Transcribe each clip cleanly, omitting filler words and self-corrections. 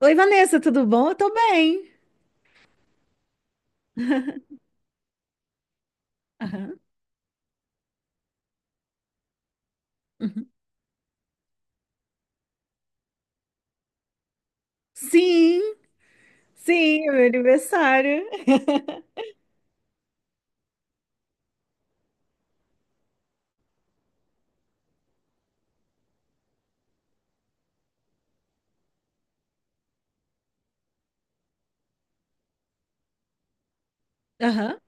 Oi, Vanessa, tudo bom? Eu tô bem. Aham, uhum. Sim, sim, é meu aniversário. Aham.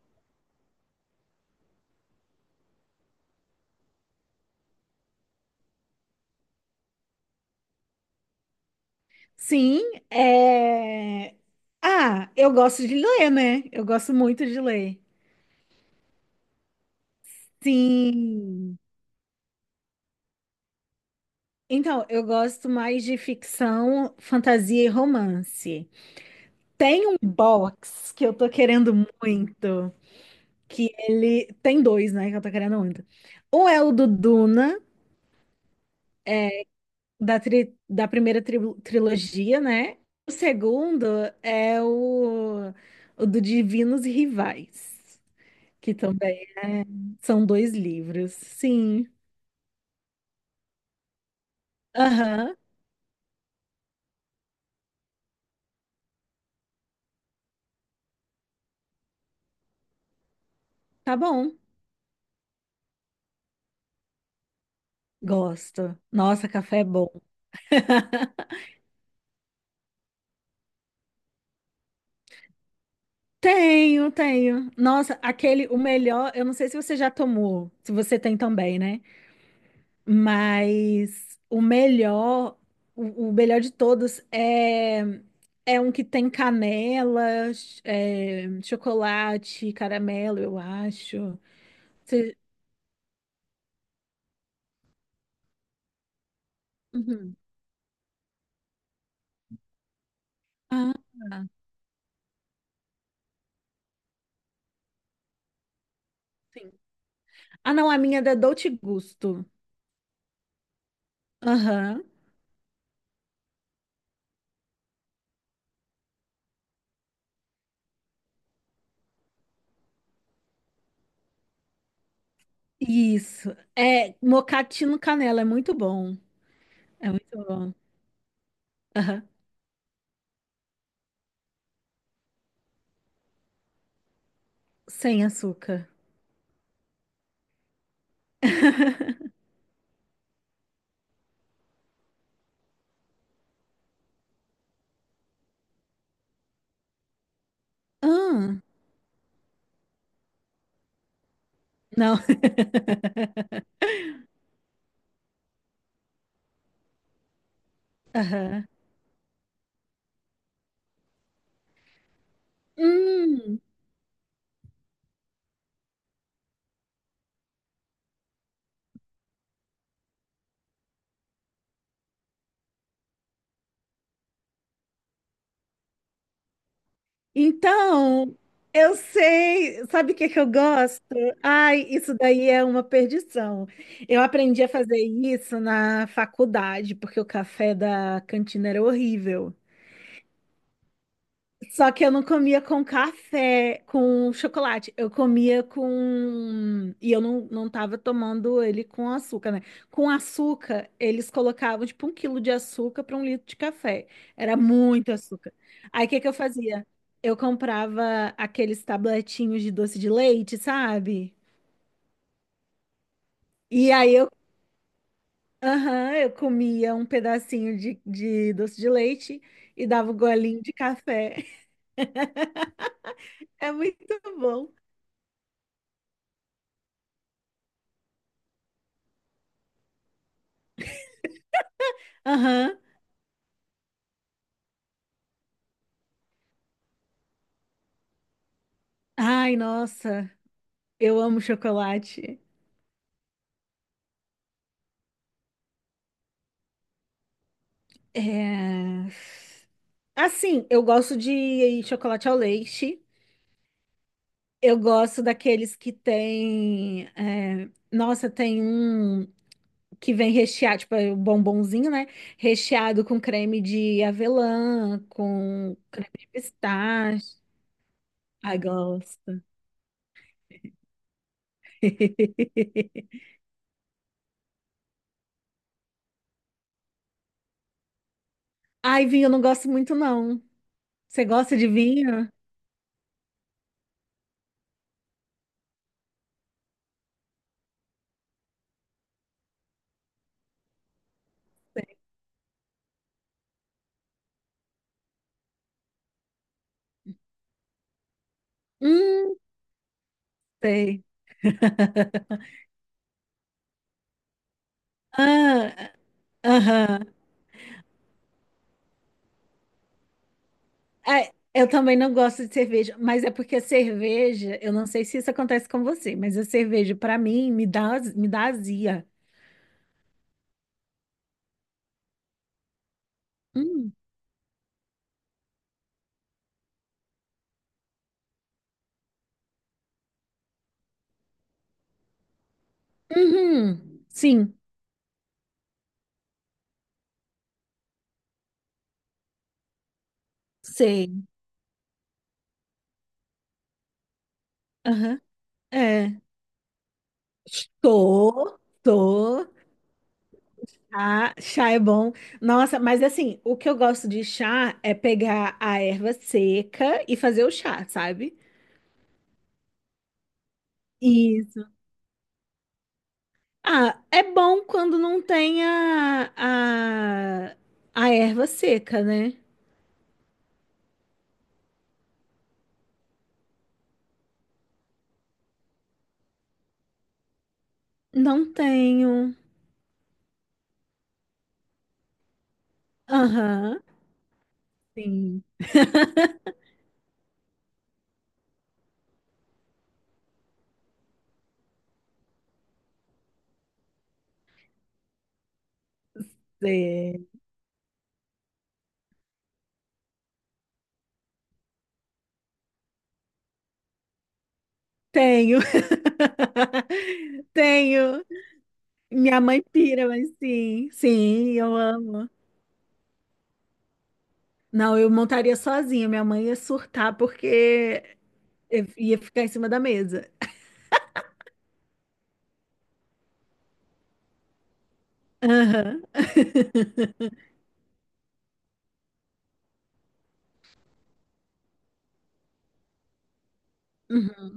Sim, é... Ah, eu gosto de ler, né? Eu gosto muito de ler. Sim. Então, eu gosto mais de ficção, fantasia e romance. Tem um box que eu tô querendo muito, que tem dois, né, que eu tô querendo muito. Um é o do Duna, da primeira trilogia, né? O segundo é o do Divinos Rivais, que também são dois livros. Sim. Aham, tá bom. Gosto. Nossa, café é bom. Tenho, tenho. Nossa, aquele, o melhor, eu não sei se você já tomou, se você tem também, né? Mas o melhor, o melhor de todos é um que tem canela, chocolate, caramelo, eu acho. Você- Uhum. Ah, sim. Ah, não, a minha é da Dolce Gusto. Aham. Isso. É mocatino canela, é muito bom. É muito bom. Aham. Sem açúcar. Ah, não. Aham. Hum. Então, eu sei, sabe o que que eu gosto? Ai, isso daí é uma perdição. Eu aprendi a fazer isso na faculdade, porque o café da cantina era horrível. Só que eu não comia com café, com chocolate. Eu comia com. E eu não tava tomando ele com açúcar, né? Com açúcar, eles colocavam tipo um quilo de açúcar para um litro de café. Era muito açúcar. Aí o que que eu fazia? Eu comprava aqueles tabletinhos de doce de leite, sabe? E aí aham, eu comia um pedacinho de doce de leite e dava um golinho de café. É muito bom. Aham. Ai, nossa, eu amo chocolate. É... Assim, eu gosto de chocolate ao leite. Eu gosto daqueles que tem. Nossa, tem um que vem recheado, tipo, é o bombonzinho, né? Recheado com creme de avelã, com pistache. Ai, gosto. Ai, vinho, eu não gosto muito, não. Você gosta de vinho? Hum, sei. Ah, aham. Ah, eu também não gosto de cerveja, mas é porque a cerveja, eu não sei se isso acontece com você, mas a cerveja, pra mim, me dá azia. Hum. Uhum. Sim, sei. Aham. É. Tô, tô. Chá, chá é bom. Nossa, mas assim, o que eu gosto de chá é pegar a erva seca e fazer o chá, sabe? Isso. Ah, é bom quando não tem a, a erva seca, né? Não tenho. Aham. Sim. é, Tenho. Tenho. Minha mãe pira, mas sim. Sim, eu amo. Não, eu montaria sozinha. Minha mãe ia surtar porque eu ia ficar em cima da mesa. Aham. Uhum,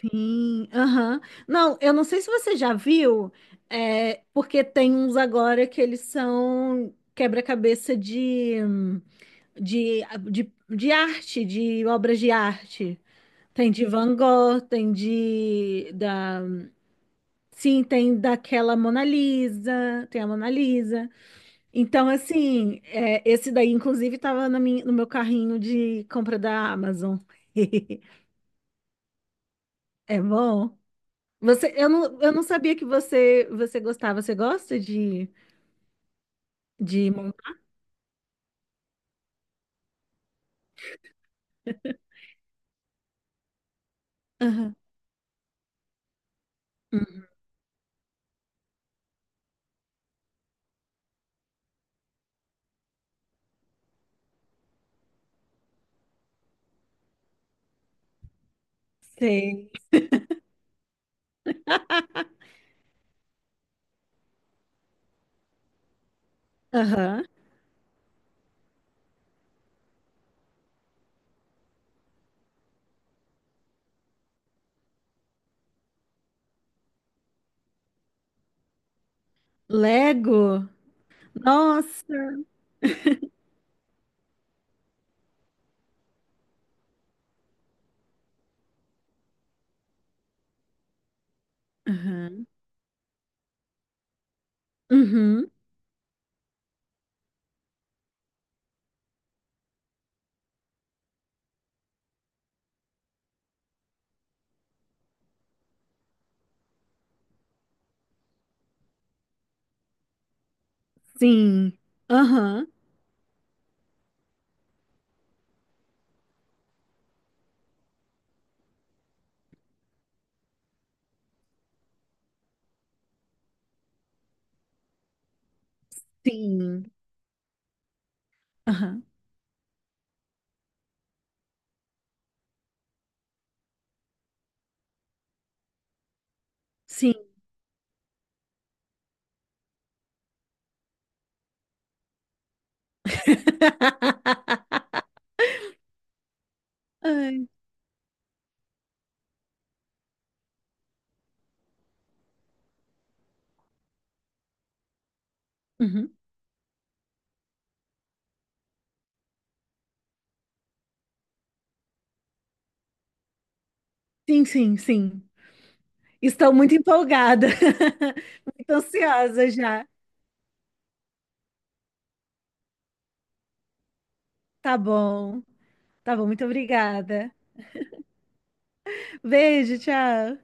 sim, aham. Não, eu não sei se você já viu, porque tem uns agora que eles são quebra-cabeça de, de arte, de obras de arte. Tem de Van Gogh, sim, tem daquela Mona Lisa, tem a Mona Lisa. Então, assim, é, esse daí, inclusive, estava no meu carrinho de compra da Amazon. É bom. Você, eu não sabia que você gostava. Você gosta de, de... mon- aham. Hum, sei. Aham. Lego? Nossa. Aham. Uhum. Sim. Aham. Sim. Aham. Sim. Ai. Uhum. Sim, sim, sim. Estou muito empolgada. Muito ansiosa já. Tá bom. Tá bom, muito obrigada. Beijo, tchau.